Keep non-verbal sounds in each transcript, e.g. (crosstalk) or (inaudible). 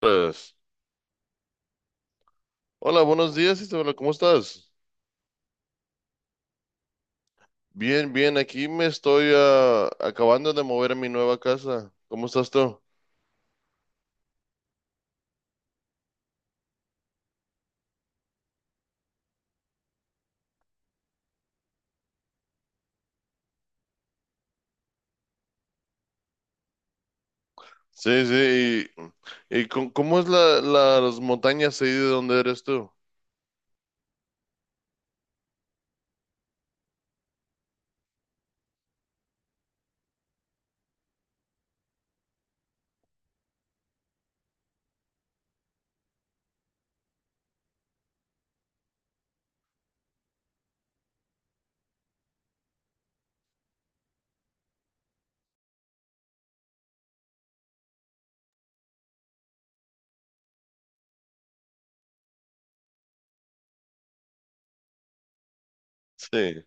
Pues, hola, buenos días, Isabela, ¿cómo estás? Bien, bien, aquí me estoy acabando de mover a mi nueva casa. ¿Cómo estás tú? Sí. Y ¿cómo es las montañas ahí de donde eres tú? Sí,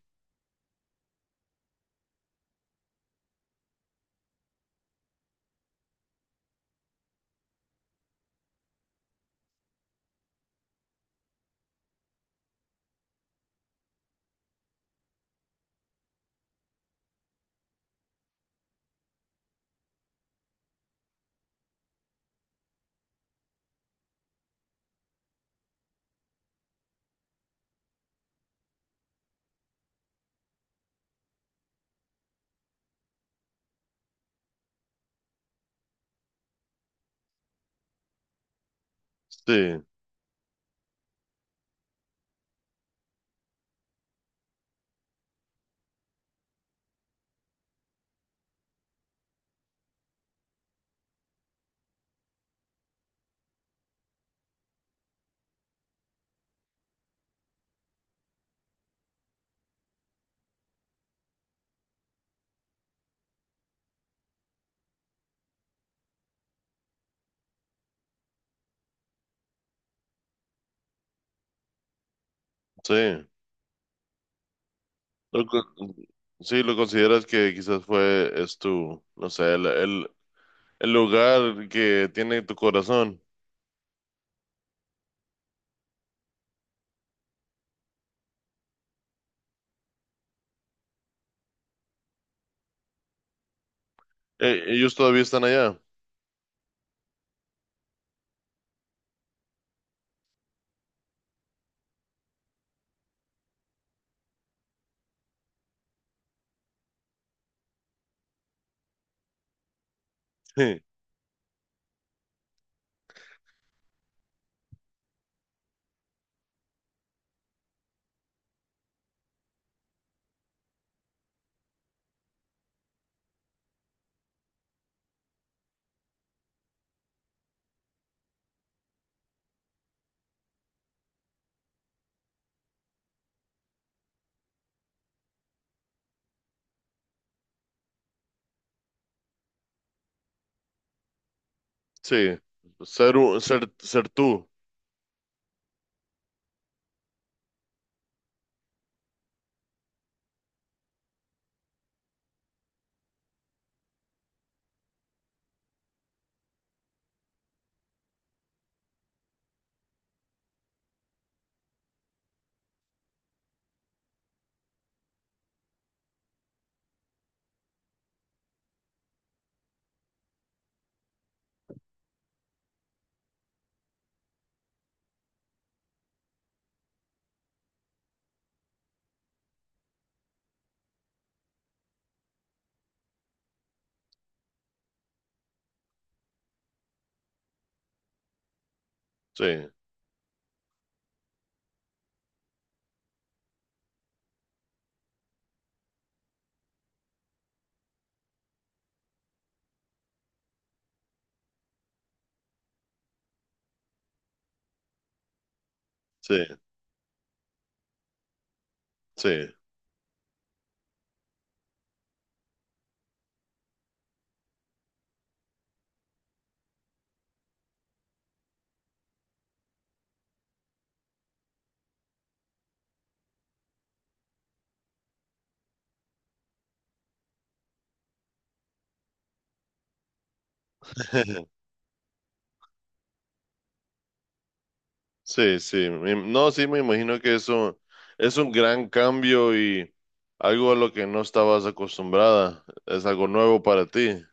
sí, sí. Lo co- sí, lo consideras que quizás fue, es tu, no sé, el lugar que tiene tu corazón. Ellos todavía están allá. Sí, sí. Ser tú. Sí, sí, sí. (laughs) Sí, sí, no, sí, me imagino que eso es un gran cambio y algo a lo que no estabas acostumbrada, es algo nuevo para ti.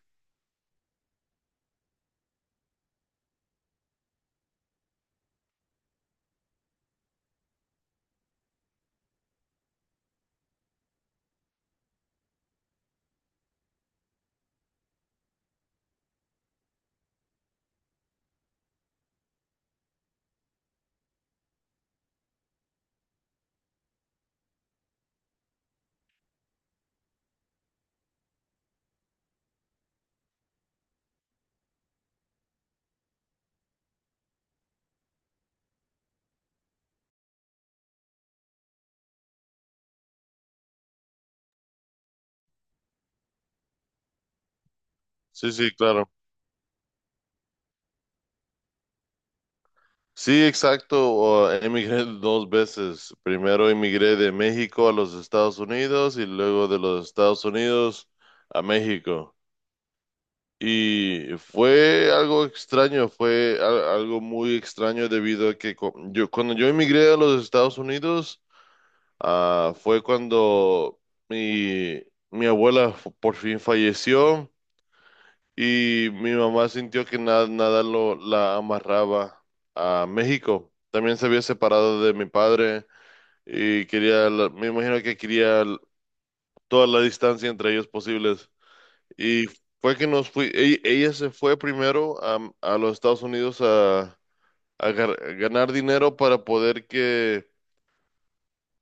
Sí, sí, claro. Sí, exacto, emigré dos veces. Primero emigré de México a los Estados Unidos y luego de los Estados Unidos a México. Y fue algo extraño, fue algo muy extraño debido a que cuando yo emigré a los Estados Unidos. Ah, fue cuando mi, mi abuela por fin falleció y mi mamá sintió que nada la amarraba a México. También se había separado de mi padre y quería, me imagino que quería toda la distancia entre ellos posibles. Y fue que ella se fue primero a los Estados Unidos a ganar dinero para poder que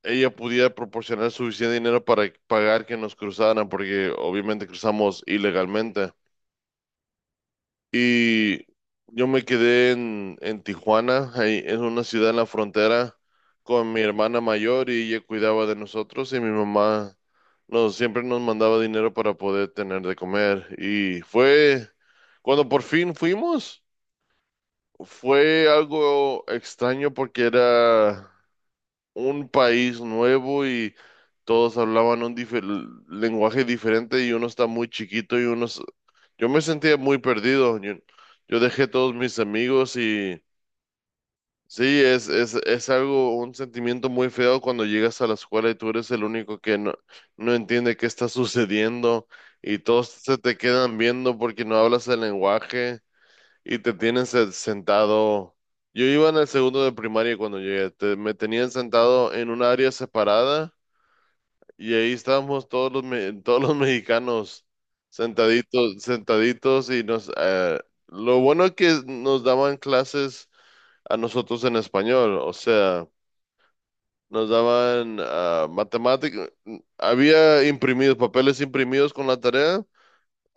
ella pudiera proporcionar suficiente dinero para pagar que nos cruzaran, porque obviamente cruzamos ilegalmente. Y yo me quedé en Tijuana, ahí en una ciudad en la frontera, con mi hermana mayor y ella cuidaba de nosotros y mi mamá nos, siempre nos mandaba dinero para poder tener de comer. Y fue cuando por fin fuimos, fue algo extraño porque era un país nuevo y todos hablaban un lenguaje diferente y uno está muy chiquito y yo me sentía muy perdido. Yo dejé todos mis amigos y sí, es algo, un sentimiento muy feo cuando llegas a la escuela y tú eres el único que no entiende qué está sucediendo y todos se te quedan viendo porque no hablas el lenguaje. Y te tienen sentado. Yo iba en el segundo de primaria cuando llegué. Me tenían sentado en un área separada y ahí estábamos (laughs) todos los mexicanos sentaditos, sentaditos y lo bueno es que nos daban clases a nosotros en español, o sea, nos daban matemáticas, había imprimidos, papeles imprimidos con la tarea.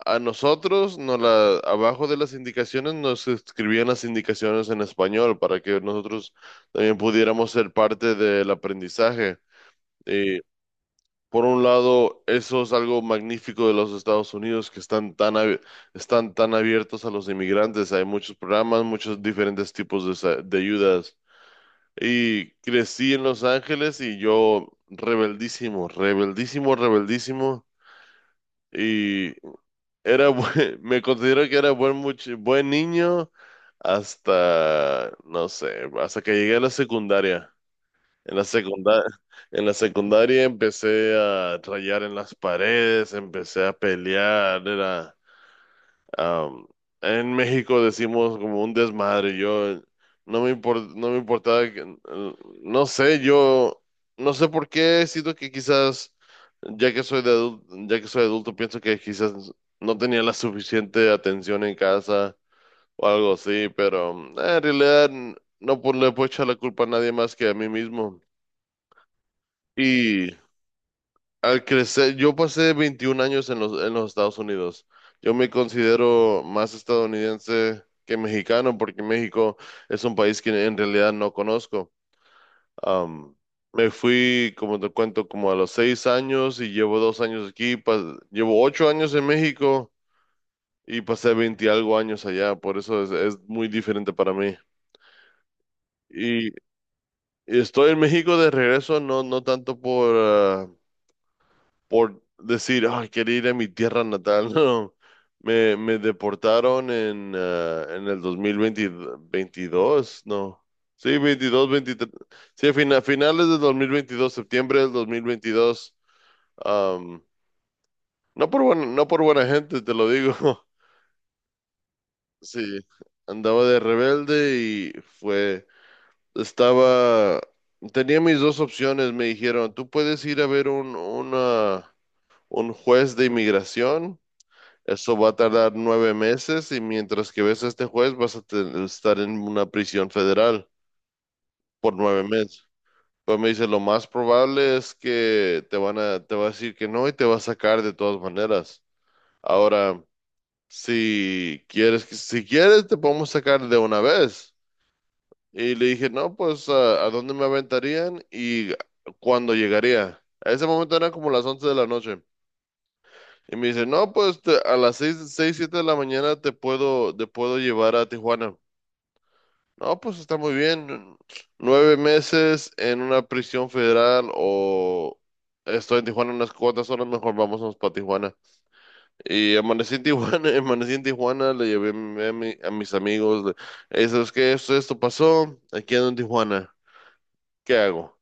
A nosotros, no la, abajo de las indicaciones nos escribían las indicaciones en español para que nosotros también pudiéramos ser parte del aprendizaje. Y por un lado, eso es algo magnífico de los Estados Unidos que están están tan abiertos a los inmigrantes. Hay muchos programas, muchos diferentes tipos de ayudas. Y crecí en Los Ángeles y yo rebeldísimo, rebeldísimo, rebeldísimo. (laughs) Me considero que era buen niño hasta, no sé, hasta que llegué a la secundaria. En la secundaria, (laughs) en la secundaria empecé a rayar en las paredes, empecé a pelear, Am, en México decimos como un desmadre. Yo no me importaba no sé, yo no sé por qué siento que quizás ya que soy adulto pienso que quizás no tenía la suficiente atención en casa o algo así, pero en realidad no pu- le puedo echar la culpa a nadie más que a mí mismo. Al crecer, yo pasé 21 años en en los Estados Unidos. Yo me considero más estadounidense que mexicano porque México es un país que en realidad no conozco. Am, Me fui, como te cuento, como a los seis años y llevo dos años aquí. Llevo ocho años en México y pasé 20 algo años allá. Por eso es muy diferente para mí. Y estoy en México de regreso, no tanto por, por decir, ay, quería ir a mi tierra natal. (laughs) No, me deportaron en el 2020, 22 no. Sí, 22, veintitrés. Sí, a finales del 2022, septiembre del 2022. am, no por buena, no por buena gente, te lo digo. (laughs) Sí, andaba de rebelde y estaba, tenía mis dos opciones, me dijeron, tú puedes ir a ver un juez de inmigración. Eso va a tardar nueve meses y mientras que ves a este juez vas a estar en una prisión federal por nueve meses. Pues me dice, lo más probable es que te te va a decir que no y te va a sacar de todas maneras. Ahora, si quieres, si quieres, te podemos sacar de una vez. Y le dije, no, pues, a dónde me aventarían y cuándo llegaría? A ese momento eran como las once de la noche. Y me dice, no, pues a las siete de la mañana te puedo llevar a Tijuana. No, pues está muy bien. Nueve meses en una prisión federal o estoy en Tijuana unas cuantas horas, mejor vámonos para Tijuana. Y amanecí en Tijuana, (laughs) amanecí en Tijuana, le llevé a, mi- a mi- a mis amigos. "Hey, ¿sabes qué? Esto pasó, aquí ando en Tijuana. ¿Qué hago?"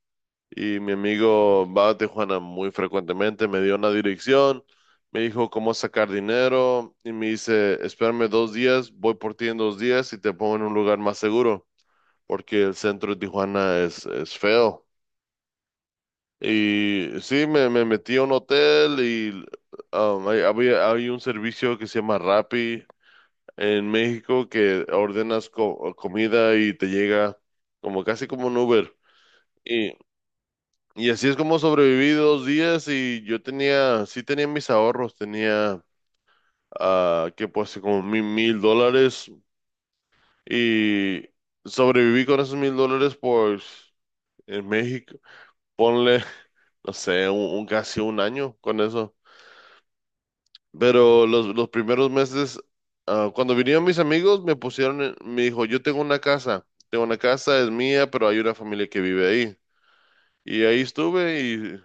Y mi amigo va a Tijuana muy frecuentemente, me dio una dirección, me dijo cómo sacar dinero y me dice, espérame dos días, voy por ti en dos días y te pongo en un lugar más seguro, porque el centro de Tijuana es feo. Y sí, me metí a un hotel y hay un servicio que se llama Rappi en México que ordenas comida y te llega como casi como un Uber. Y Y así es como sobreviví dos días y yo tenía mis ahorros, tenía, ah, que pues como mi- mil dólares y sobreviví con esos mil dólares por en México. Ponle, (laughs) no sé, casi un año con eso. Pero los primeros meses, cuando vinieron mis amigos, me dijo, yo tengo una casa, es mía, pero hay una familia que vive ahí. Y ahí estuve y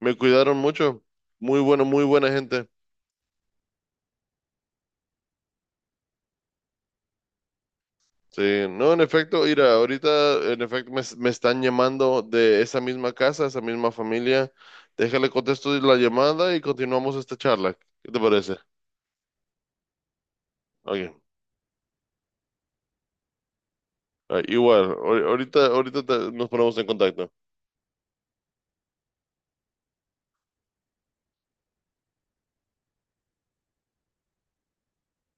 me cuidaron mucho. Muy bueno, muy buena gente. Sí, no, en efecto, mira, ahorita en efecto me están llamando de esa misma casa, esa misma familia. Déjale contesto la llamada y continuamos esta charla. ¿Qué te parece? Ok, ah, igual, ahorita nos ponemos en contacto.